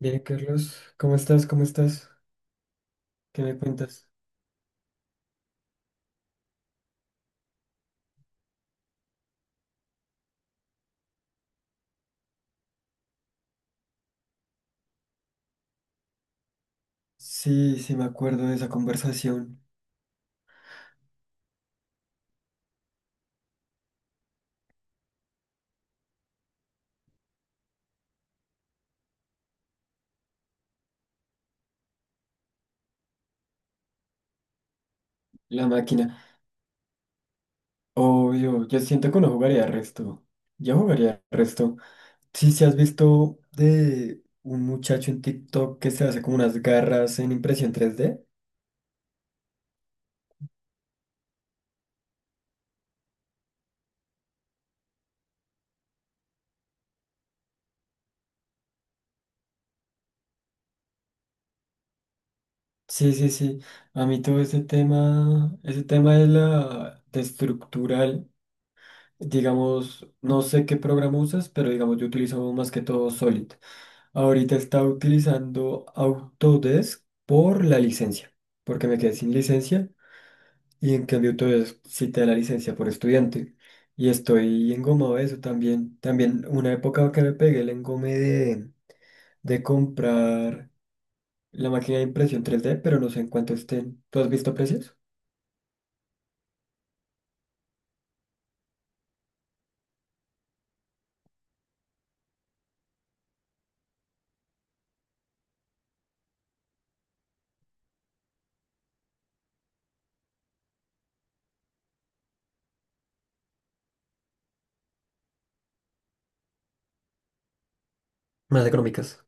Bien, Carlos, ¿cómo estás? ¿Cómo estás? ¿Qué me cuentas? Sí, sí, me acuerdo de esa conversación. La máquina. Obvio, yo siento que no jugaría resto. Yo jugaría resto. Sí, sí, has visto de un muchacho en TikTok que se hace como unas garras en impresión 3D. Sí, sí, sí. A mí todo ese tema de estructural, digamos, no sé qué programa usas, pero digamos, yo utilizo más que todo Solid. Ahorita estaba utilizando Autodesk por la licencia, porque me quedé sin licencia y en cambio Autodesk sí te da la licencia por estudiante. Y estoy engomado de eso también. También una época que me pegué el engome de comprar la máquina de impresión 3D, pero no sé en cuánto estén. ¿Tú has visto precios? Más económicas.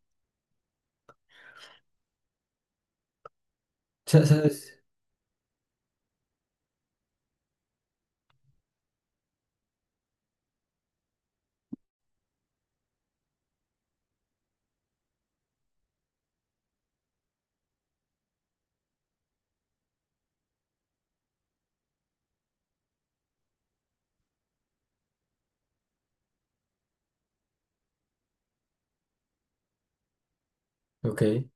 ¿Sabes? Ok.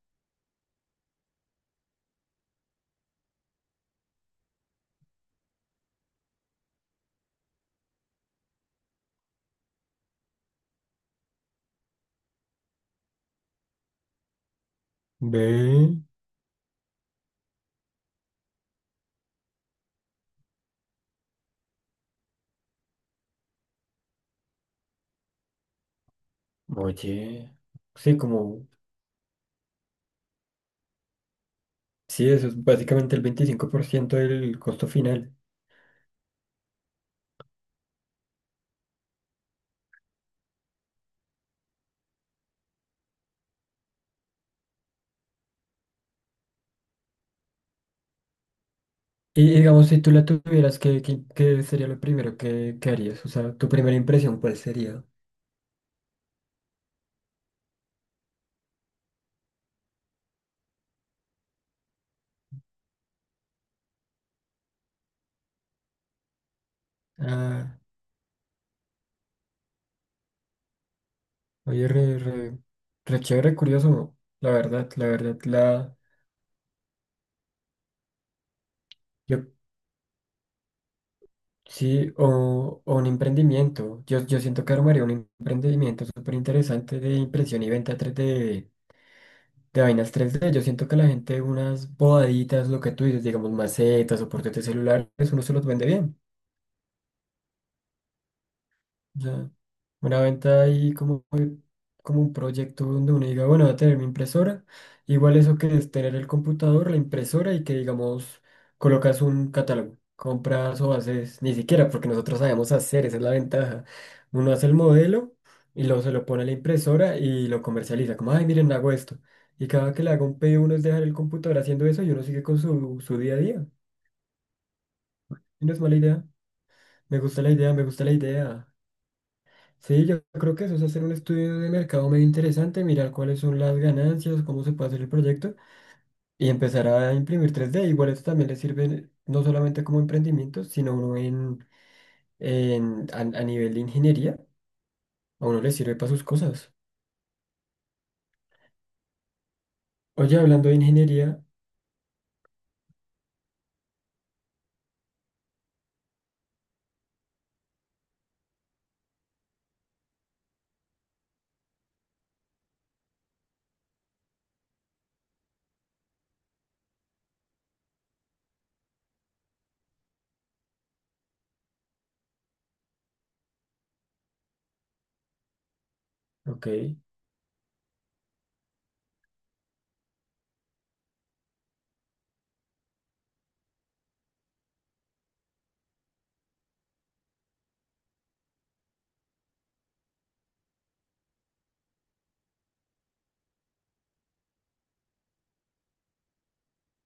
Ve. Oye. Sí, como... Sí, eso es básicamente el 25% del costo final. Y digamos, si tú la tuvieras, ¿ qué sería lo primero que harías? O sea, tu primera impresión, ¿cuál sería? Ah, oye, re, re, re chévere, curioso, la verdad, yo, sí, o un emprendimiento. Yo siento que armaría un emprendimiento súper interesante de impresión y venta 3D, de vainas 3D. Yo siento que la gente, unas bodaditas, lo que tú dices, digamos, macetas o portátiles celulares, uno se los vende bien. Ya una venta ahí como un proyecto donde uno diga, bueno, voy a tener mi impresora. Igual eso que es tener el computador, la impresora y que digamos colocas un catálogo, compras o haces, ni siquiera porque nosotros sabemos hacer, esa es la ventaja. Uno hace el modelo y luego se lo pone a la impresora y lo comercializa, como, ay, miren, hago esto. Y cada que le haga un pedido uno es dejar el computador haciendo eso y uno sigue con su día a día. Y no es mala idea. Me gusta la idea, me gusta la idea. Sí, yo creo que eso es hacer un estudio de mercado medio interesante, mirar cuáles son las ganancias, cómo se puede hacer el proyecto y empezar a imprimir 3D. Igual esto también le sirve no solamente como emprendimiento, sino uno a nivel de ingeniería, a uno le sirve para sus cosas. Oye, hablando de ingeniería, ok,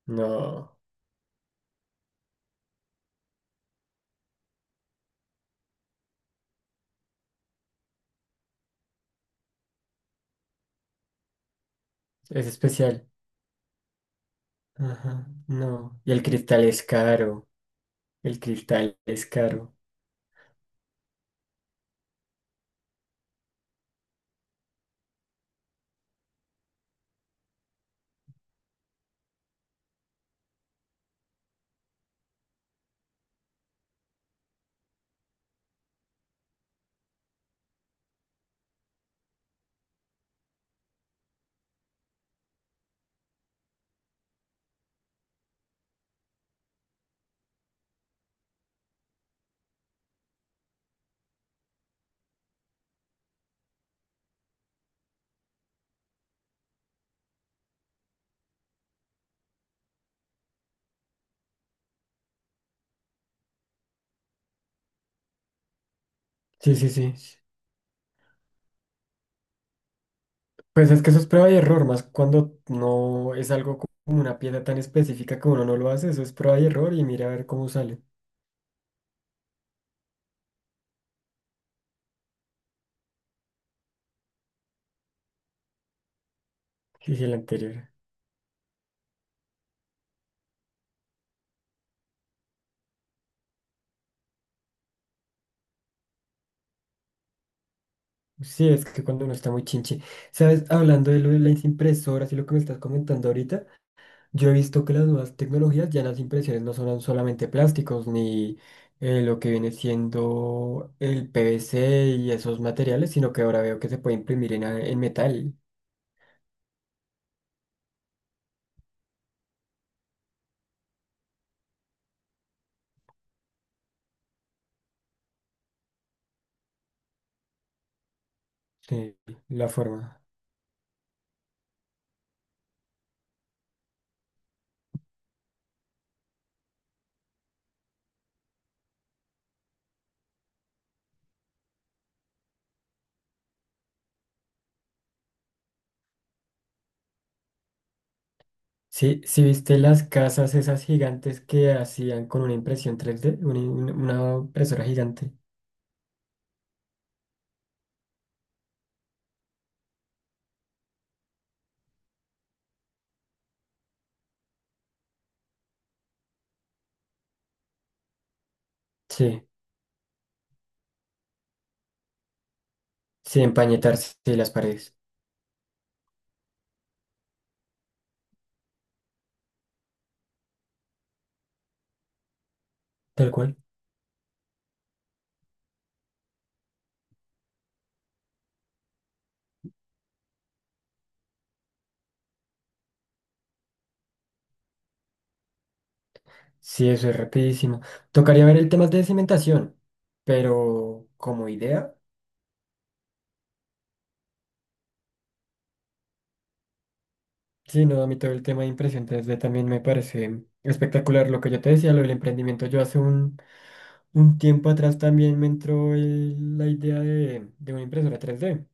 no, es especial. Ajá, no. Y el cristal es caro, el cristal es caro. Sí, sí, sí. Pues es que eso es prueba y error, más cuando no es algo como una pieza tan específica que uno no lo hace, eso es prueba y error y mira a ver cómo sale. Dije el anterior. Sí, es que cuando uno está muy chinche. Sabes, hablando de lo de las impresoras y lo que me estás comentando ahorita, yo he visto que las nuevas tecnologías ya las impresiones no son solamente plásticos ni lo que viene siendo el PVC y esos materiales, sino que ahora veo que se puede imprimir en, en metal, sí, la forma. Sí, sí viste las casas esas gigantes que hacían con una impresión 3D, una- una impresora gigante. Sí, sí, empañetarse sí, las paredes. Tal cual. Sí, eso es rapidísimo. Tocaría ver el tema de cimentación, pero como idea, sí, no, a mí todo el tema de impresión 3D también me parece espectacular. Lo que yo te decía, lo del emprendimiento, yo hace un tiempo atrás también me entró la idea de una impresora 3D.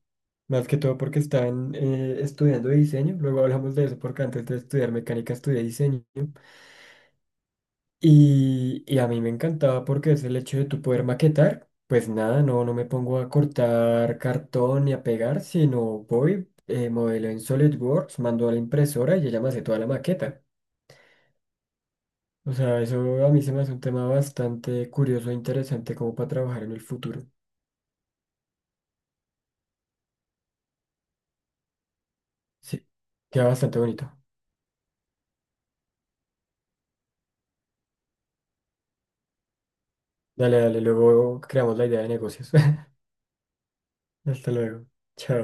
Más que todo porque estaban estudiando diseño. Luego hablamos de eso porque antes de estudiar mecánica estudié diseño. Y a mí me encantaba porque es el hecho de tú poder maquetar. Pues nada, no me pongo a cortar cartón ni a pegar, sino voy, modelo en SolidWorks, mando a la impresora y ella me hace toda la maqueta. O sea, eso a mí se me hace un tema bastante curioso e interesante como para trabajar en el futuro. Sí, queda bastante bonito. Dale, dale, luego creamos la idea de negocios. Hasta luego. Chao.